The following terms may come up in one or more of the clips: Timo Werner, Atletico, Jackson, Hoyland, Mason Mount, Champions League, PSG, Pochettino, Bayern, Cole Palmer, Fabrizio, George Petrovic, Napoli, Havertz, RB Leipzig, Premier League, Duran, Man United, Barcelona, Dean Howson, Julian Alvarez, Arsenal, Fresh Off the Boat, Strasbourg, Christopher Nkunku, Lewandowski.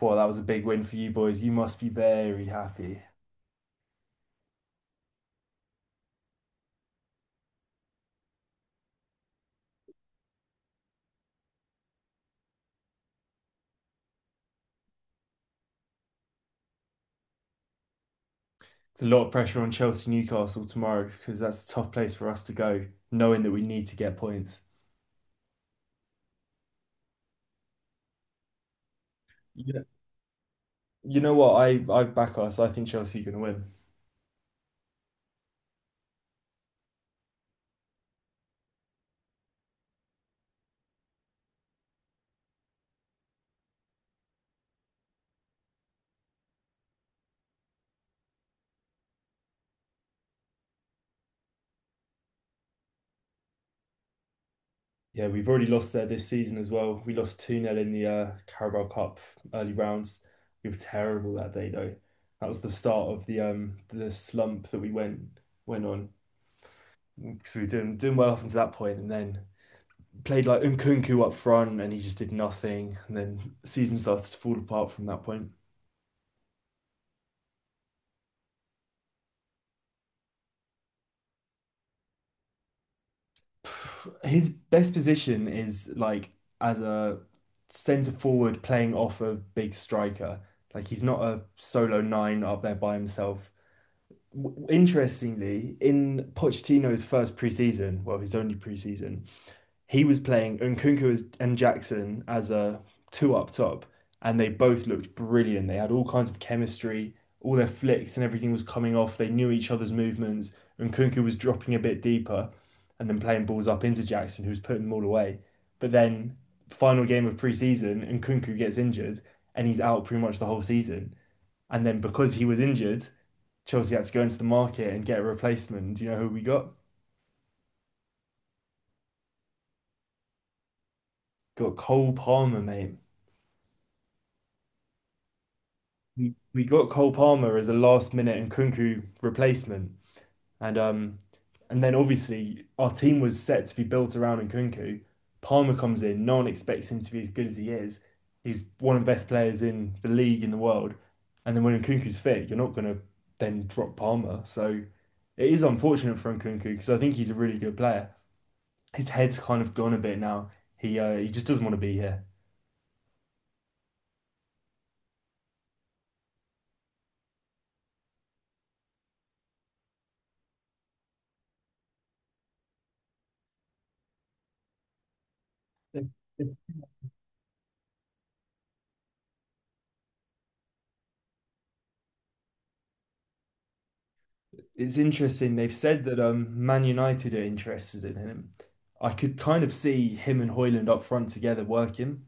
Well, that was a big win for you boys. You must be very happy. It's a lot of pressure on Chelsea Newcastle tomorrow because that's a tough place for us to go, knowing that we need to get points. Yeah. You know what? I back us. I think Chelsea are going to win. Yeah, we've already lost there this season as well. We lost 2 nil in the Carabao Cup early rounds. We were terrible that day, though. That was the start of the slump that we went on because we were doing well up until that point, and then played like Nkunku up front and he just did nothing. And then the season started to fall apart from that point. His best position is like as a centre forward playing off a big striker. Like he's not a solo nine up there by himself. Interestingly, in Pochettino's first preseason, well, his only preseason, he was playing Nkunku and Jackson as a two up top, and they both looked brilliant. They had all kinds of chemistry, all their flicks and everything was coming off. They knew each other's movements. Nkunku was dropping a bit deeper and then playing balls up into Jackson, who was putting them all away. But then, final game of preseason, Nkunku gets injured and he's out pretty much the whole season. And then, because he was injured, Chelsea had to go into the market and get a replacement. Do you know who we got? Got Cole Palmer, mate. We got Cole Palmer as a last minute and Kunku replacement, and um, and then obviously our team was set to be built around Nkunku. Palmer comes in, no one expects him to be as good as he is. He's one of the best players in the league in the world, and then when Nkunku's fit, you're not gonna then drop Palmer. So it is unfortunate for Nkunku because I think he's a really good player. His head's kind of gone a bit now. He just doesn't want to be here. It's It's interesting. They've said that Man United are interested in him. I could kind of see him and Hoyland up front together working.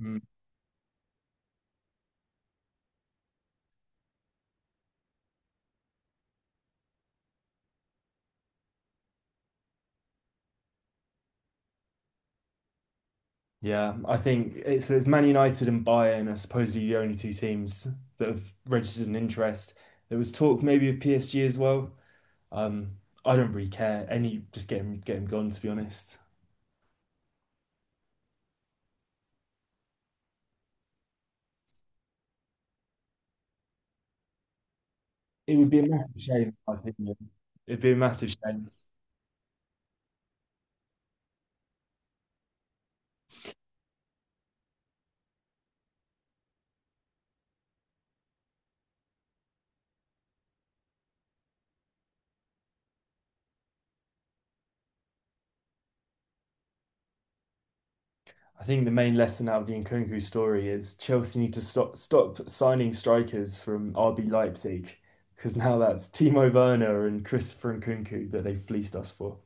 Mm. Yeah, I think it's Man United and Bayern are supposedly the only two teams that have registered an interest. There was talk maybe of PSG as well. Um, I don't really care. Just get him gone, to be honest. It would be a massive shame, in my opinion. It'd be a massive shame. I think the main lesson out of the Nkunku story is Chelsea need to stop signing strikers from RB Leipzig because now that's Timo Werner and Christopher Nkunku that they fleeced us for.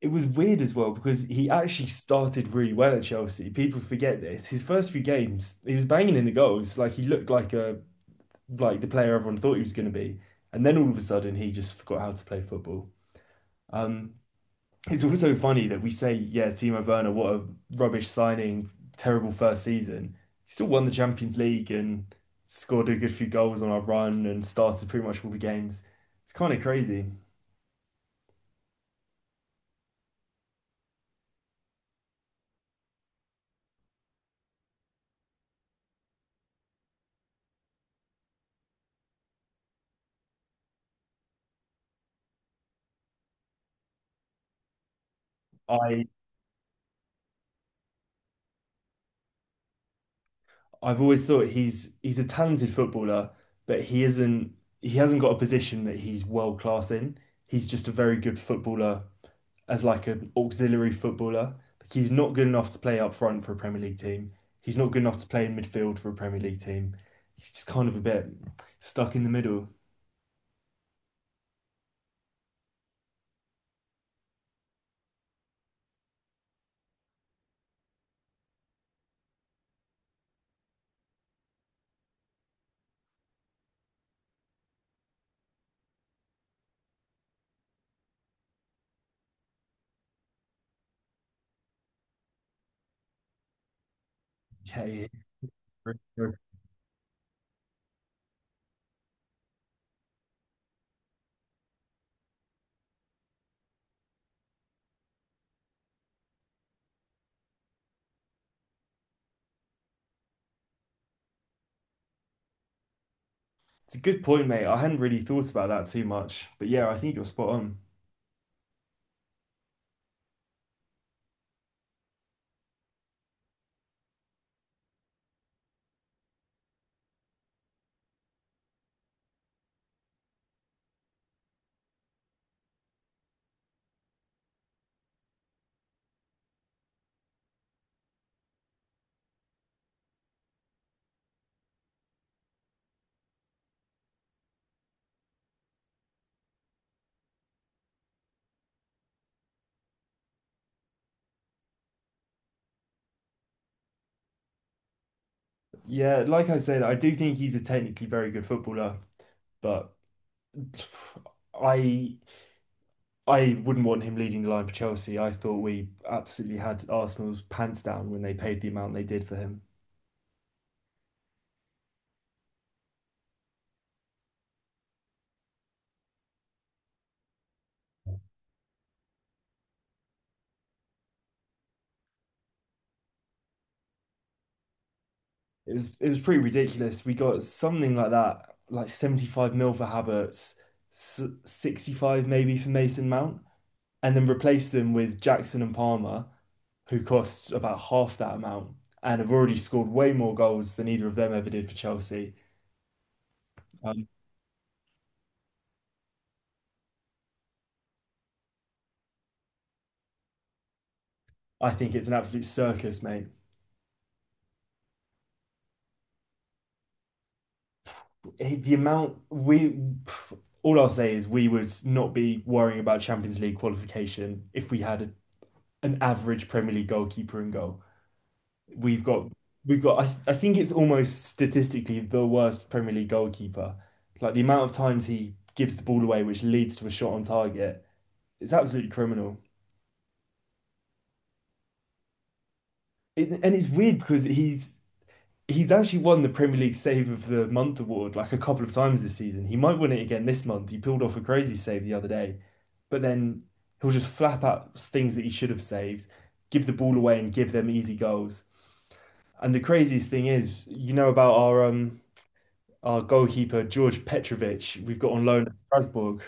It was weird as well because he actually started really well at Chelsea. People forget this. His first few games, he was banging in the goals, like he looked like a like the player everyone thought he was going to be. And then all of a sudden, he just forgot how to play football. Um, It's also funny that we say, yeah, Timo Werner, what a rubbish signing, terrible first season. He still won the Champions League and scored a good few goals on our run and started pretty much all the games. It's kind of crazy. I I've always thought he's a talented footballer, but he isn't he hasn't got a position that he's world class in. He's just a very good footballer as like an auxiliary footballer. Like he's not good enough to play up front for a Premier League team. He's not good enough to play in midfield for a Premier League team. He's just kind of a bit stuck in the middle. Yeah, yeah. It's a good point, mate. I hadn't really thought about that too much, but yeah, I think you're spot on. Yeah, like I said, I do think he's a technically very good footballer, but I I wouldn't want him leading the line for Chelsea. I thought we absolutely had Arsenal's pants down when they paid the amount they did for him. It was pretty ridiculous. We got something like that, like 75 mil for Havertz, 65 maybe for Mason Mount, and then replaced them with Jackson and Palmer, who cost about half that amount and have already scored way more goals than either of them ever did for Chelsea. Um, I think it's an absolute circus, mate. Eh, The amount we, pff, all I'll say is we would not be worrying about Champions League qualification if we had an average Premier League goalkeeper in goal. We've got we've got I think it's almost statistically the worst Premier League goalkeeper. Like the amount of times he gives the ball away, which leads to a shot on target, it's absolutely criminal. It, and it's weird because he's actually won the Premier League Save of the Month award like a couple of times this season. He might win it again this month. He pulled off a crazy save the other day, but then he'll just flap out things that he should have saved, give the ball away, and give them easy goals. And the craziest thing is, you know about our goalkeeper George Petrovic we've got on loan at Strasbourg,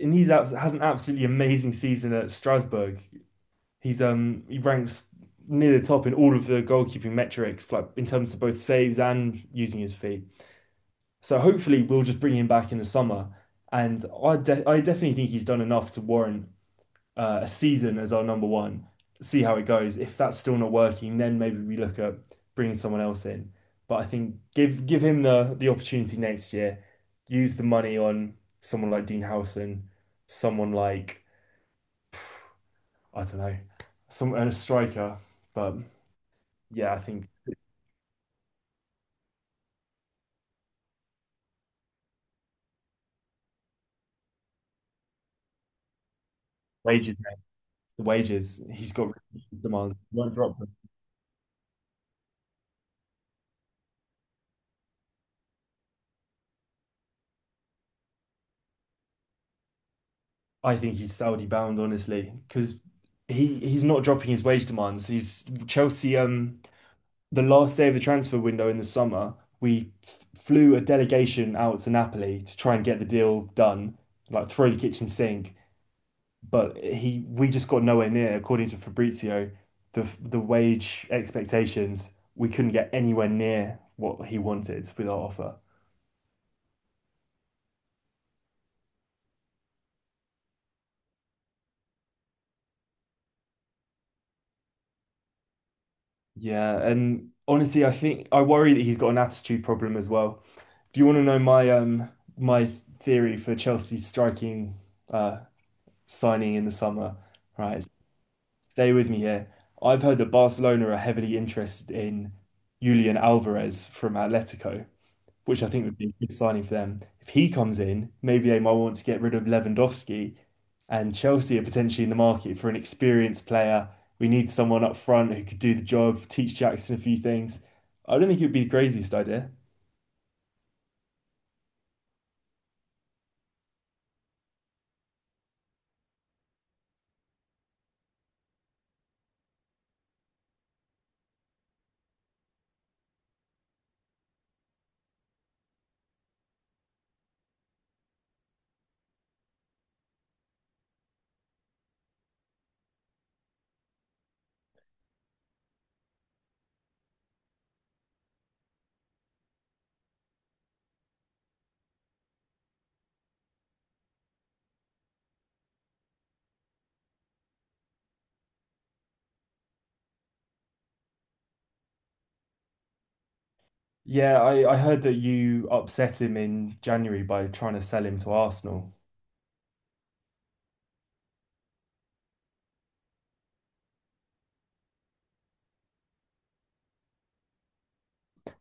and he's has an absolutely amazing season at Strasbourg. He's he ranks near the top in all of the goalkeeping metrics, like in terms of both saves and using his feet. So hopefully we'll just bring him back in the summer, and I definitely think he's done enough to warrant a season as our number one, see how it goes. If that's still not working, then maybe we look at bringing someone else in. But I think give him the opportunity next year. Use the money on someone like Dean Howson, someone like I don't know, some and a striker. But yeah, I think wages, the wages. He's got demands. Won't drop them. I think he's Saudi bound, honestly, because he's not dropping his wage demands. He's Chelsea. The last day of the transfer window in the summer, we flew a delegation out to Napoli to try and get the deal done, like throw the kitchen sink. But we just got nowhere near, according to Fabrizio, the wage expectations. We couldn't get anywhere near what he wanted with our offer. Yeah, and honestly, I think I worry that he's got an attitude problem as well. Do you want to know my my theory for Chelsea's striking uh signing in the summer? Right, stay with me here. I've heard that Barcelona are heavily interested in Julian Alvarez from Atletico, which I think would be a good signing for them. If he comes in, maybe they might want to get rid of Lewandowski, and Chelsea are potentially in the market for an experienced player. We need someone up front who could do the job, teach Jackson a few things. I don't think it would be the craziest idea. Yeah, I heard that you upset him in January by trying to sell him to Arsenal.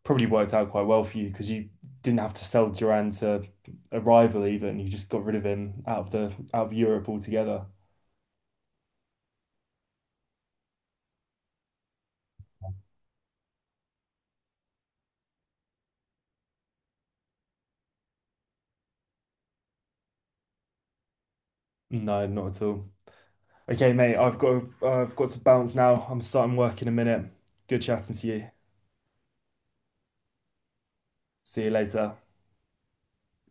Probably worked out quite well for you because you didn't have to sell Duran to a rival even. You just got rid of him out of the out of Europe altogether. No, not at all. Okay, mate, I've got to bounce now. I'm starting work in a minute. Good chatting to you. See you later.